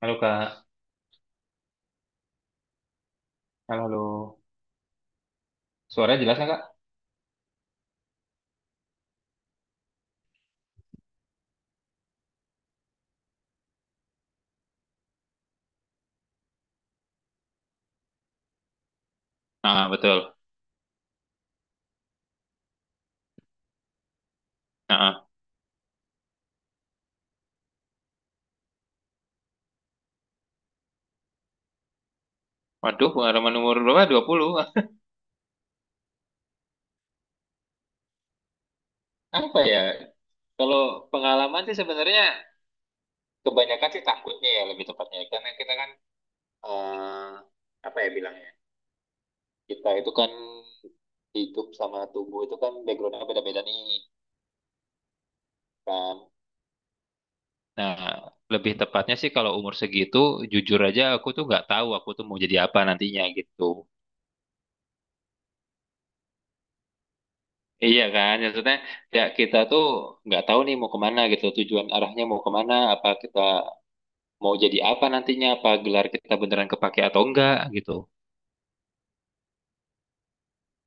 Halo Kak, halo, halo. Suaranya jelas nggak Kak? Ah, betul. Ah, ah. Waduh, pengalaman umur berapa? Dua puluh, apa ya? Kalau pengalaman sih sebenarnya kebanyakan sih takutnya ya lebih tepatnya. Karena kita kan, eh, apa ya bilangnya? Kita itu kan hidup sama tubuh itu kan backgroundnya beda-beda nih kan. Nah, lebih tepatnya sih kalau umur segitu, jujur aja aku tuh nggak tahu aku tuh mau jadi apa nantinya gitu. Iya kan, maksudnya ya kita tuh nggak tahu nih mau kemana gitu, tujuan arahnya mau kemana, apa kita mau jadi apa nantinya, apa gelar kita beneran kepake atau enggak gitu.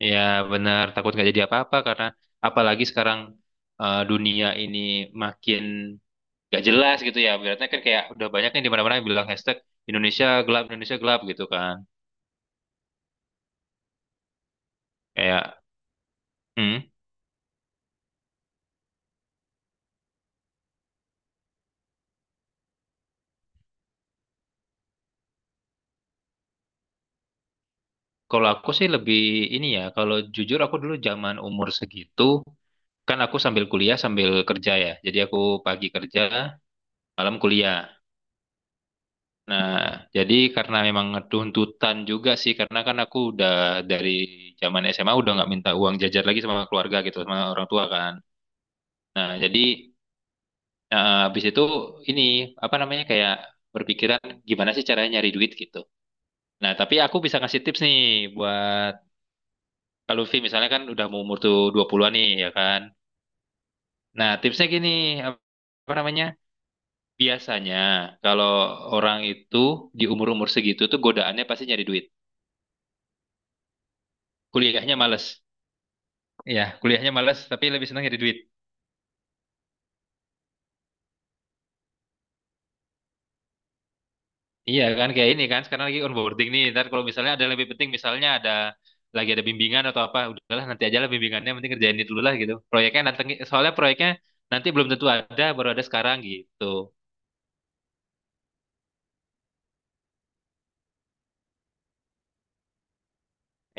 Ya benar, takut nggak jadi apa-apa karena apalagi sekarang dunia ini makin nggak jelas gitu ya. Berarti kan kayak udah banyak nih di mana-mana yang bilang hashtag Indonesia gelap gitu kan. Kayak, hmm, kalau aku sih lebih ini ya, kalau jujur aku dulu zaman umur segitu kan aku sambil kuliah sambil kerja ya. Jadi aku pagi kerja, malam kuliah. Nah, jadi karena memang tuntutan juga sih, karena kan aku udah dari zaman SMA udah nggak minta uang jajar lagi sama keluarga gitu, sama orang tua kan. Nah, jadi habis itu ini apa namanya kayak berpikiran gimana sih caranya nyari duit gitu. Nah, tapi aku bisa ngasih tips nih buat kalau Luffy misalnya kan udah mau umur tuh 20-an nih ya kan. Nah, tipsnya gini, apa namanya? Biasanya kalau orang itu di umur-umur segitu tuh godaannya pasti nyari duit. Kuliahnya males. Iya, kuliahnya males tapi lebih senang nyari duit. Iya kan kayak ini kan sekarang lagi onboarding nih. Ntar kalau misalnya ada yang lebih penting misalnya ada lagi ada bimbingan atau apa, udahlah nanti aja lah bimbingannya penting kerjain ini dulu lah gitu. Proyeknya nanti soalnya proyeknya nanti belum tentu ada baru ada sekarang gitu.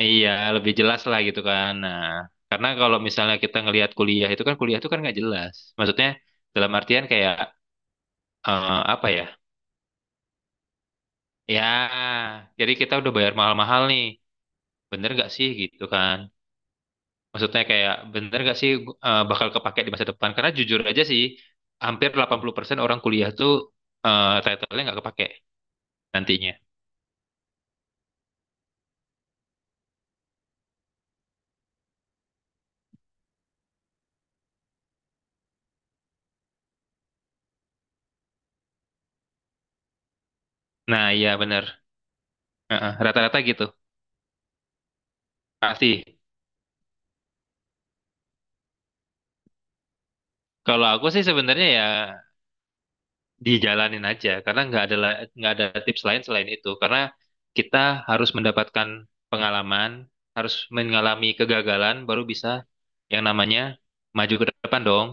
Iya, lebih jelas lah gitu kan. Nah, karena kalau misalnya kita ngelihat kuliah itu kan nggak jelas. Maksudnya dalam artian kayak apa ya? Ya, jadi kita udah bayar mahal-mahal nih. Bener gak sih gitu kan? Maksudnya kayak bener gak sih bakal kepake di masa depan? Karena jujur aja sih, hampir 80% orang kuliah tuh title-nya nggak kepake nantinya. Nah, iya bener. Heeh, rata-rata gitu. Pasti. Kalau aku sih sebenarnya ya dijalanin aja karena nggak ada la- nggak ada tips lain selain itu karena kita harus mendapatkan pengalaman harus mengalami kegagalan baru bisa yang namanya maju ke depan dong.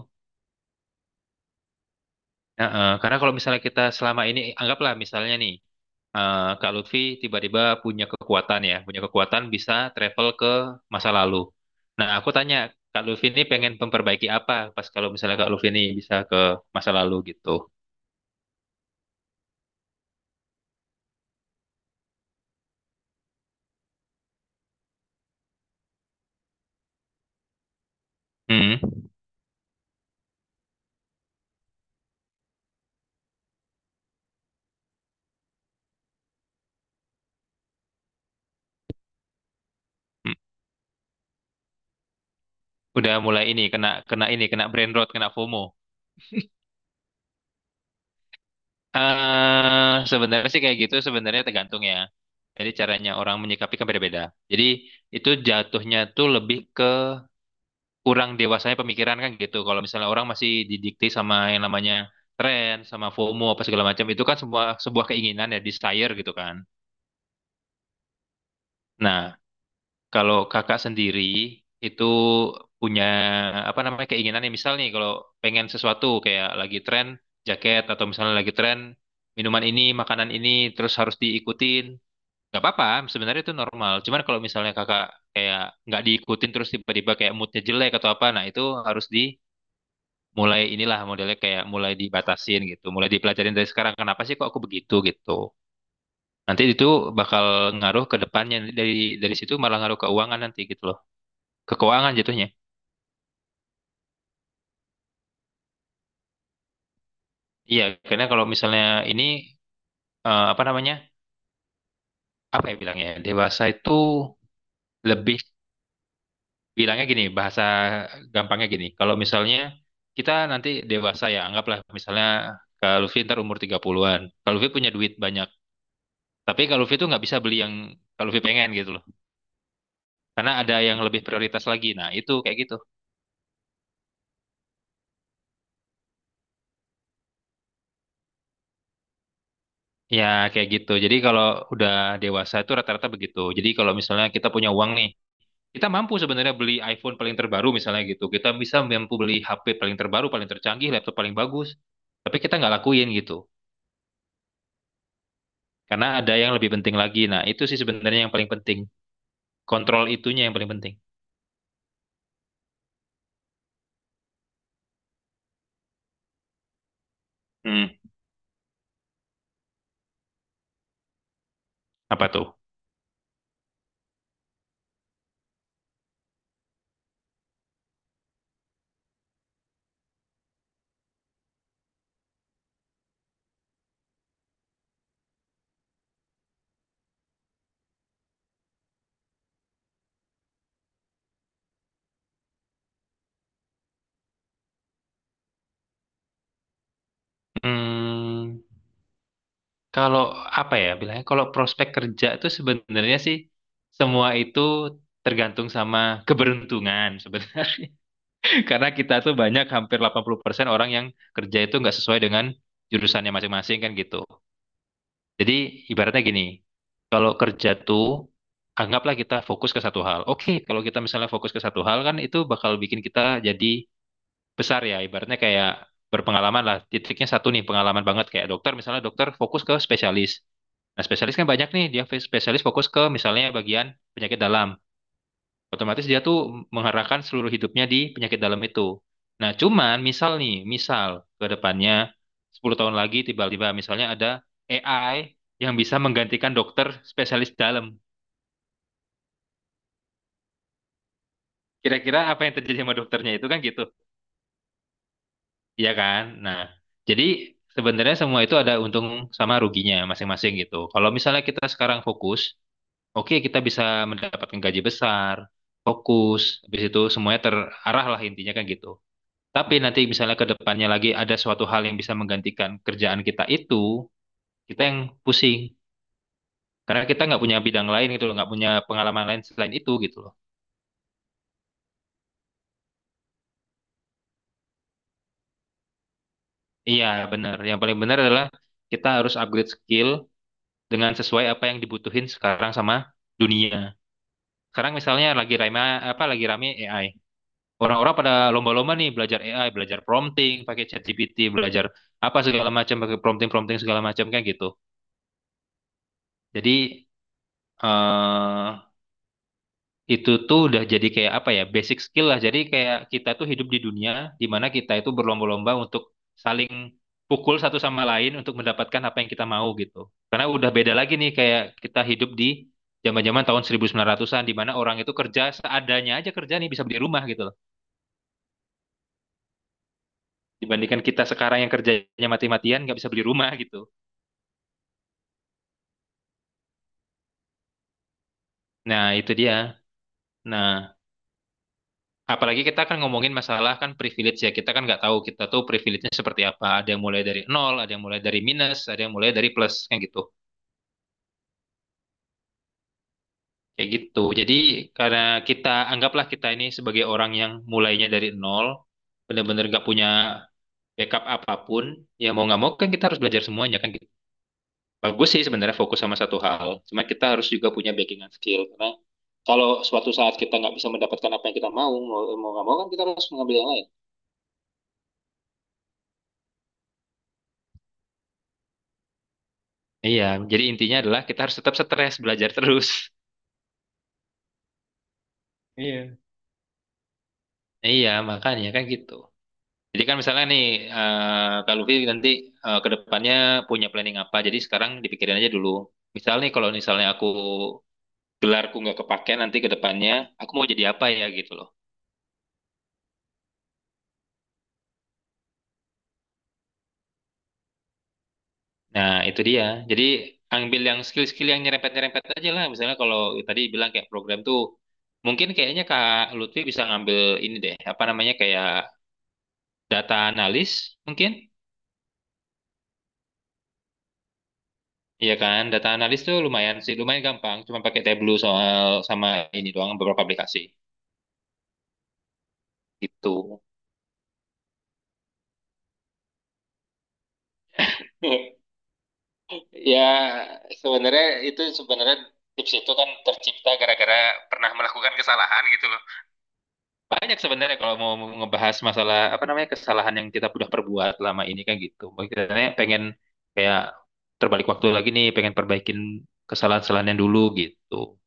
Nah, karena kalau misalnya kita selama ini anggaplah misalnya nih Kak Lutfi tiba-tiba punya kekuatan ya punya kekuatan bisa travel ke masa lalu nah aku tanya Kak Lutfi ini pengen memperbaiki apa pas kalau misalnya Kak Lutfi ini bisa ke masa lalu gitu. Hmm. Hmm. Udah mulai ini kena kena ini kena brain rot, kena FOMO. Sebenarnya sih kayak gitu sebenarnya tergantung ya. Jadi caranya orang menyikapi kan beda-beda. Jadi itu jatuhnya tuh lebih ke kurang dewasanya pemikiran kan gitu. Kalau misalnya orang masih didikte sama yang namanya tren, sama FOMO apa segala macam itu kan sebuah sebuah keinginan ya, desire gitu kan. Nah, kalau kakak sendiri itu punya apa namanya keinginan yang misal nih kalau pengen sesuatu kayak lagi tren jaket atau misalnya lagi tren minuman ini, makanan ini terus harus diikutin. Gak apa-apa, sebenarnya itu normal. Cuman kalau misalnya kakak kayak nggak diikutin terus tiba-tiba kayak moodnya jelek atau apa, nah itu harus dimulai inilah modelnya kayak mulai dibatasin gitu, mulai dipelajarin dari sekarang. Kenapa sih kok aku begitu gitu? Nanti itu bakal ngaruh ke depannya dari situ malah ngaruh keuangan nanti gitu ke keuangan jatuhnya. Iya, karena kalau misalnya ini apa namanya? Apa ya bilangnya? Dewasa itu lebih bilangnya gini, bahasa gampangnya gini. Kalau misalnya kita nanti dewasa ya, anggaplah misalnya Kak Luffy ntar umur 30-an. Kak Luffy punya duit banyak. Tapi Kak Luffy tuh nggak bisa beli yang Kak Luffy pengen gitu loh. Karena ada yang lebih prioritas lagi. Nah, itu kayak gitu. Ya, kayak gitu. Jadi kalau udah dewasa itu rata-rata begitu. Jadi kalau misalnya kita punya uang nih, kita mampu sebenarnya beli iPhone paling terbaru misalnya gitu. Kita bisa mampu beli HP paling terbaru, paling tercanggih, laptop paling bagus. Tapi kita nggak lakuin gitu. Karena ada yang lebih penting lagi. Nah, itu sih sebenarnya yang paling penting. Kontrol itunya yang paling penting. Hmm, apa tuh? Hmm, kalau apa ya bilangnya? Kalau prospek kerja itu sebenarnya sih semua itu tergantung sama keberuntungan sebenarnya. Karena kita tuh banyak hampir 80% orang yang kerja itu nggak sesuai dengan jurusannya masing-masing kan gitu. Jadi ibaratnya gini, kalau kerja tuh anggaplah kita fokus ke satu hal. Oke, kalau kita misalnya fokus ke satu hal kan itu bakal bikin kita jadi besar ya. Ibaratnya kayak berpengalaman lah. Titiknya satu nih pengalaman banget kayak dokter misalnya dokter fokus ke spesialis. Nah, spesialis kan banyak nih, dia spesialis fokus ke misalnya bagian penyakit dalam. Otomatis dia tuh mengarahkan seluruh hidupnya di penyakit dalam itu. Nah, cuman misal nih, misal ke depannya 10 tahun lagi tiba-tiba misalnya ada AI yang bisa menggantikan dokter spesialis dalam. Kira-kira apa yang terjadi sama dokternya itu kan gitu. Iya kan? Nah, jadi sebenarnya semua itu ada untung sama ruginya masing-masing gitu. Kalau misalnya kita sekarang fokus, oke kita bisa mendapatkan gaji besar, fokus, habis itu semuanya terarah lah intinya kan gitu. Tapi nanti misalnya ke depannya lagi ada suatu hal yang bisa menggantikan kerjaan kita itu, kita yang pusing. Karena kita nggak punya bidang lain gitu loh, nggak punya pengalaman lain selain itu gitu loh. Iya benar. Yang paling benar adalah kita harus upgrade skill dengan sesuai apa yang dibutuhin sekarang sama dunia. Sekarang misalnya lagi rame apa lagi rame AI. Orang-orang pada lomba-lomba nih belajar AI, belajar prompting, pakai ChatGPT, belajar apa segala macam, pakai prompting-prompting segala macam kayak gitu. Jadi eh itu tuh udah jadi kayak apa ya basic skill lah jadi kayak kita tuh hidup di dunia di mana kita itu berlomba-lomba untuk saling pukul satu sama lain untuk mendapatkan apa yang kita mau gitu karena udah beda lagi nih kayak kita hidup di zaman-zaman tahun 1900-an di mana orang itu kerja seadanya aja kerja nih bisa beli rumah gitu loh dibandingkan kita sekarang yang kerjanya mati-matian nggak bisa beli rumah gitu. Nah itu dia. Nah, apalagi kita kan ngomongin masalah kan privilege ya. Kita kan nggak tahu kita tuh privilege-nya seperti apa. Ada yang mulai dari nol, ada yang mulai dari minus, ada yang mulai dari plus, kayak gitu. Kayak gitu. Jadi karena kita anggaplah kita ini sebagai orang yang mulainya dari nol, benar-benar nggak punya backup apapun, ya mau nggak mau kan kita harus belajar semuanya kan gitu. Bagus sih sebenarnya fokus sama satu hal. Cuma kita harus juga punya backingan skill karena kalau suatu saat kita nggak bisa mendapatkan apa yang kita mau, mau nggak mau kan kita harus mengambil yang lain. Iya, jadi intinya adalah kita harus tetap stres, belajar terus. Iya. Iya, makanya kan gitu. Jadi kan misalnya nih, eh Kak Luffy nanti ke depannya punya planning apa, jadi sekarang dipikirin aja dulu. Misal nih kalau misalnya aku gelarku nggak kepake nanti ke depannya, aku mau jadi apa ya gitu loh. Nah, itu dia. Jadi ambil yang skill-skill yang nyerempet-nyerempet aja lah. Misalnya kalau tadi bilang kayak program tuh, mungkin kayaknya Kak Lutfi bisa ngambil ini deh, apa namanya kayak data analis mungkin. Iya kan, data analis tuh lumayan sih, lumayan gampang. Cuma pakai Tableau soal sama ini doang beberapa aplikasi gitu. Ya, sebenarnya itu sebenarnya tips itu kan tercipta gara-gara pernah melakukan kesalahan gitu loh. Banyak sebenarnya kalau mau ngebahas masalah apa namanya kesalahan yang kita sudah perbuat lama ini kan gitu. Makanya pengen kayak terbalik waktu lagi nih, pengen perbaikin kesalahan-kesalahan yang dulu gitu.